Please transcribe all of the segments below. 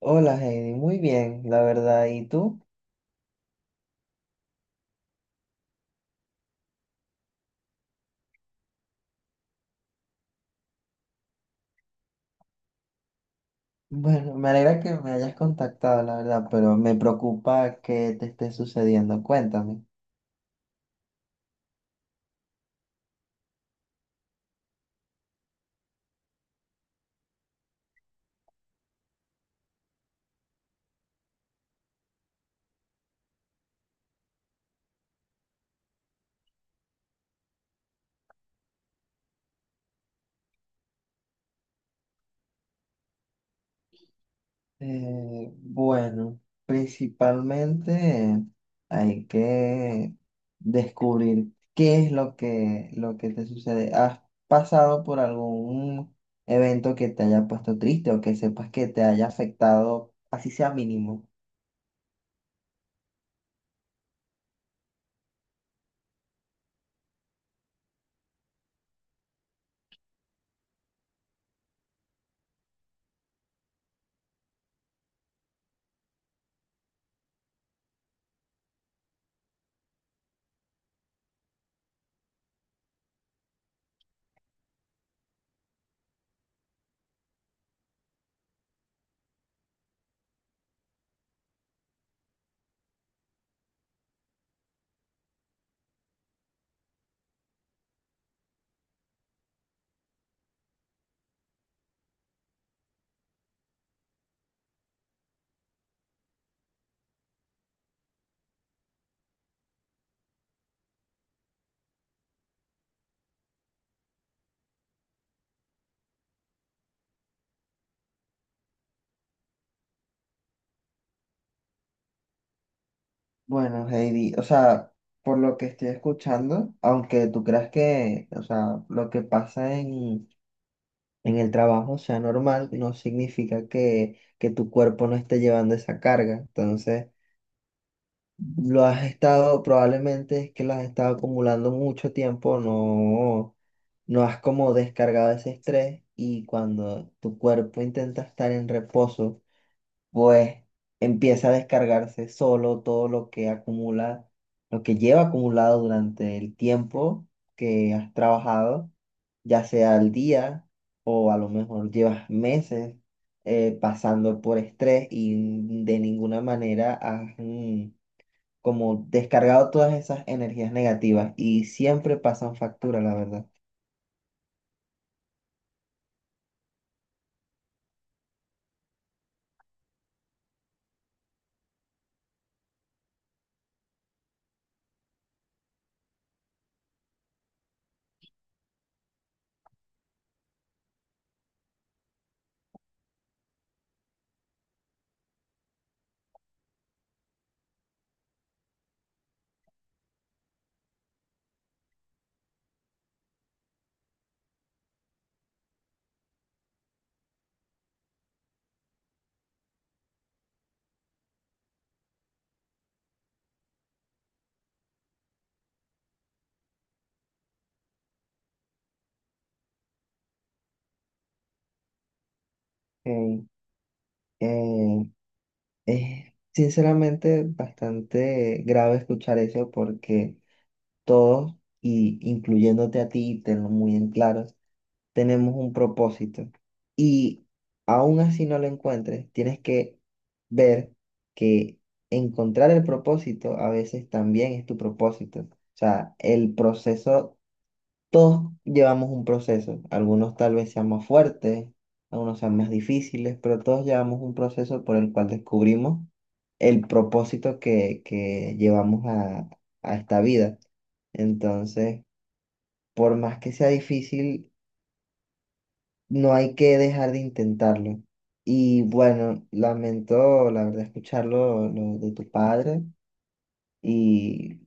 Hola Heidi, muy bien, la verdad. ¿Y tú? Bueno, me alegra que me hayas contactado, la verdad, pero me preocupa que te esté sucediendo. Cuéntame. Eh, bueno, principalmente hay que descubrir qué es lo que te sucede. ¿Has pasado por algún evento que te haya puesto triste o que sepas que te haya afectado, así sea mínimo? Bueno, Heidi, o sea, por lo que estoy escuchando, aunque tú creas que, o sea, lo que pasa en el trabajo sea normal, no significa que tu cuerpo no esté llevando esa carga. Entonces, lo has estado, probablemente es que lo has estado acumulando mucho tiempo, no, no has como descargado ese estrés y cuando tu cuerpo intenta estar en reposo pues empieza a descargarse solo todo lo que acumula, lo que lleva acumulado durante el tiempo que has trabajado, ya sea al día o a lo mejor llevas meses pasando por estrés y de ninguna manera has como descargado todas esas energías negativas y siempre pasan factura, la verdad. Eh, eh, es sinceramente bastante grave escuchar eso porque todos, y incluyéndote a ti, tenlo muy en claro, tenemos un propósito. Y aún así no lo encuentres, tienes que ver que encontrar el propósito a veces también es tu propósito. O sea, el proceso, todos llevamos un proceso. Algunos tal vez sean más fuertes, algunos sean más difíciles, pero todos llevamos un proceso por el cual descubrimos el propósito que llevamos a esta vida. Entonces, por más que sea difícil, no hay que dejar de intentarlo. Y bueno, lamento, la verdad, escucharlo lo de tu padre y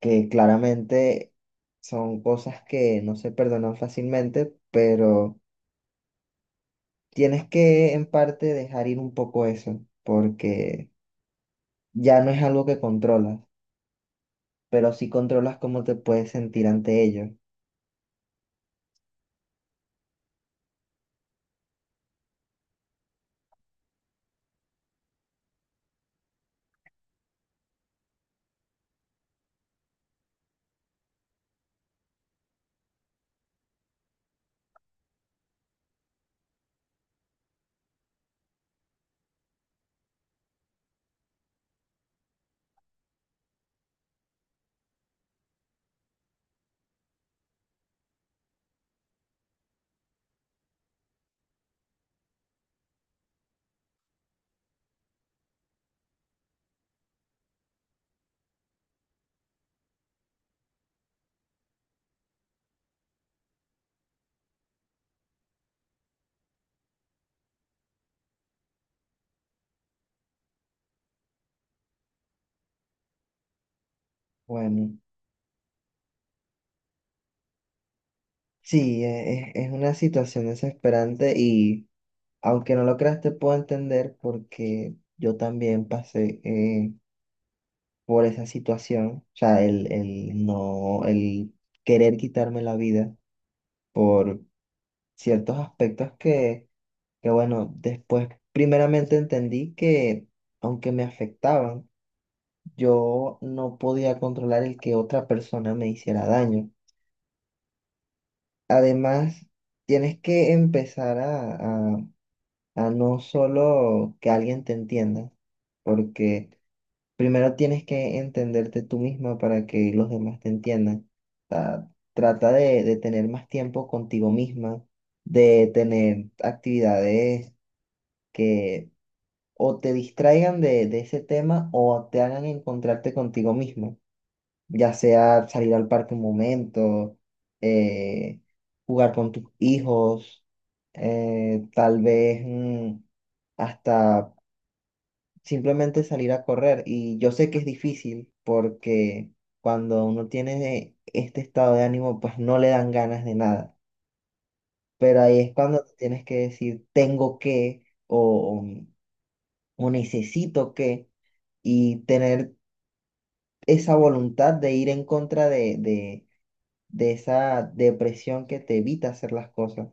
que claramente son cosas que no se perdonan fácilmente, pero tienes que en parte dejar ir un poco eso, porque ya no es algo que controlas, pero sí controlas cómo te puedes sentir ante ello. Bueno, sí, es una situación desesperante y aunque no lo creas, te puedo entender porque yo también pasé por esa situación. O sea, el no, el querer quitarme la vida por ciertos aspectos que, bueno, después primeramente entendí que aunque me afectaban, yo no podía controlar el que otra persona me hiciera daño. Además, tienes que empezar a a no solo que alguien te entienda, porque primero tienes que entenderte tú misma para que los demás te entiendan. O sea, trata de tener más tiempo contigo misma, de tener actividades que o te distraigan de ese tema o te hagan encontrarte contigo misma, ya sea salir al parque un momento, eh, jugar con tus hijos, tal vez hasta simplemente salir a correr. Y yo sé que es difícil porque cuando uno tiene este estado de ánimo, pues no le dan ganas de nada. Pero ahí es cuando tú tienes que decir tengo que o necesito que, y tener esa voluntad de ir en contra de esa depresión que te evita hacer las cosas.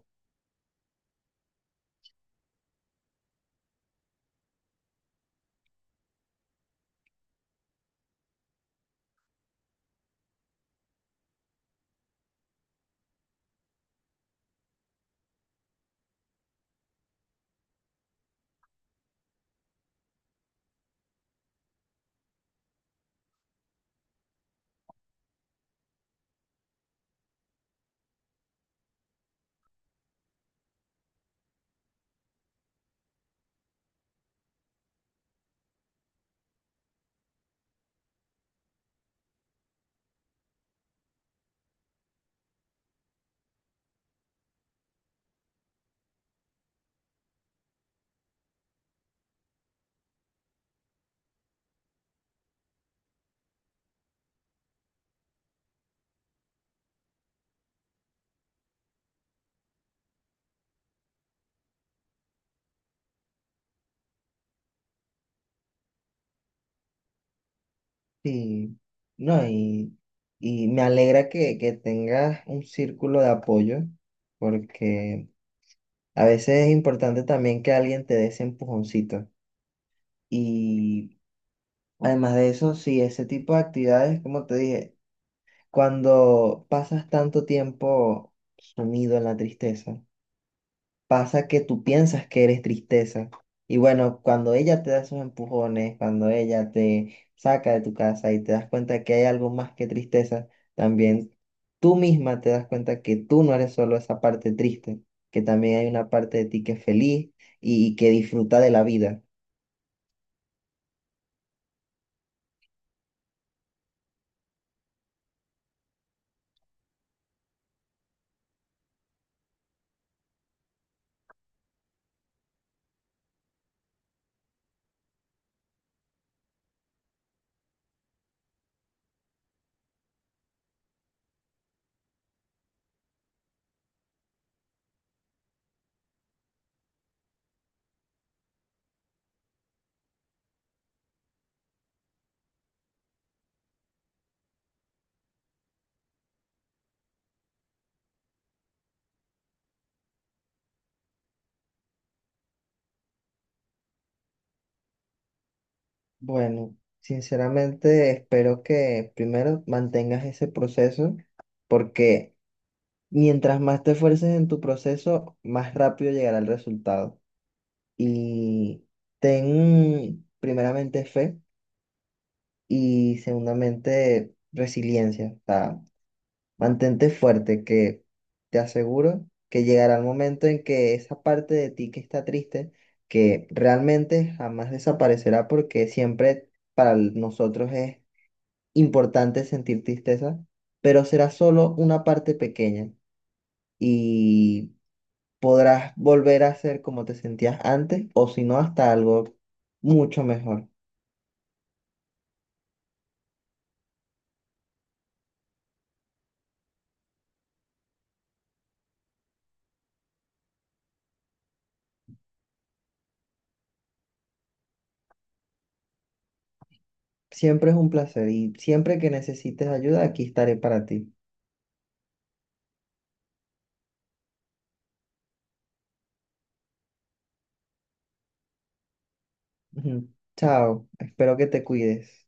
Sí, no, y me alegra que tengas un círculo de apoyo porque a veces es importante también que alguien te dé ese empujoncito. Y además de eso, sí, ese tipo de actividades, como te dije, cuando pasas tanto tiempo sumido en la tristeza, pasa que tú piensas que eres tristeza. Y bueno, cuando ella te da esos empujones, cuando ella te saca de tu casa y te das cuenta que hay algo más que tristeza, también tú misma te das cuenta que tú no eres solo esa parte triste, que también hay una parte de ti que es feliz y que disfruta de la vida. Bueno, sinceramente espero que primero mantengas ese proceso porque mientras más te esfuerces en tu proceso, más rápido llegará el resultado. Y ten primeramente fe y segundamente resiliencia. O sea, mantente fuerte, que te aseguro que llegará el momento en que esa parte de ti que está triste, que realmente jamás desaparecerá porque siempre para nosotros es importante sentir tristeza, pero será solo una parte pequeña y podrás volver a ser como te sentías antes o si no hasta algo mucho mejor. Siempre es un placer y siempre que necesites ayuda, aquí estaré para ti. Ujú. Chao, espero que te cuides.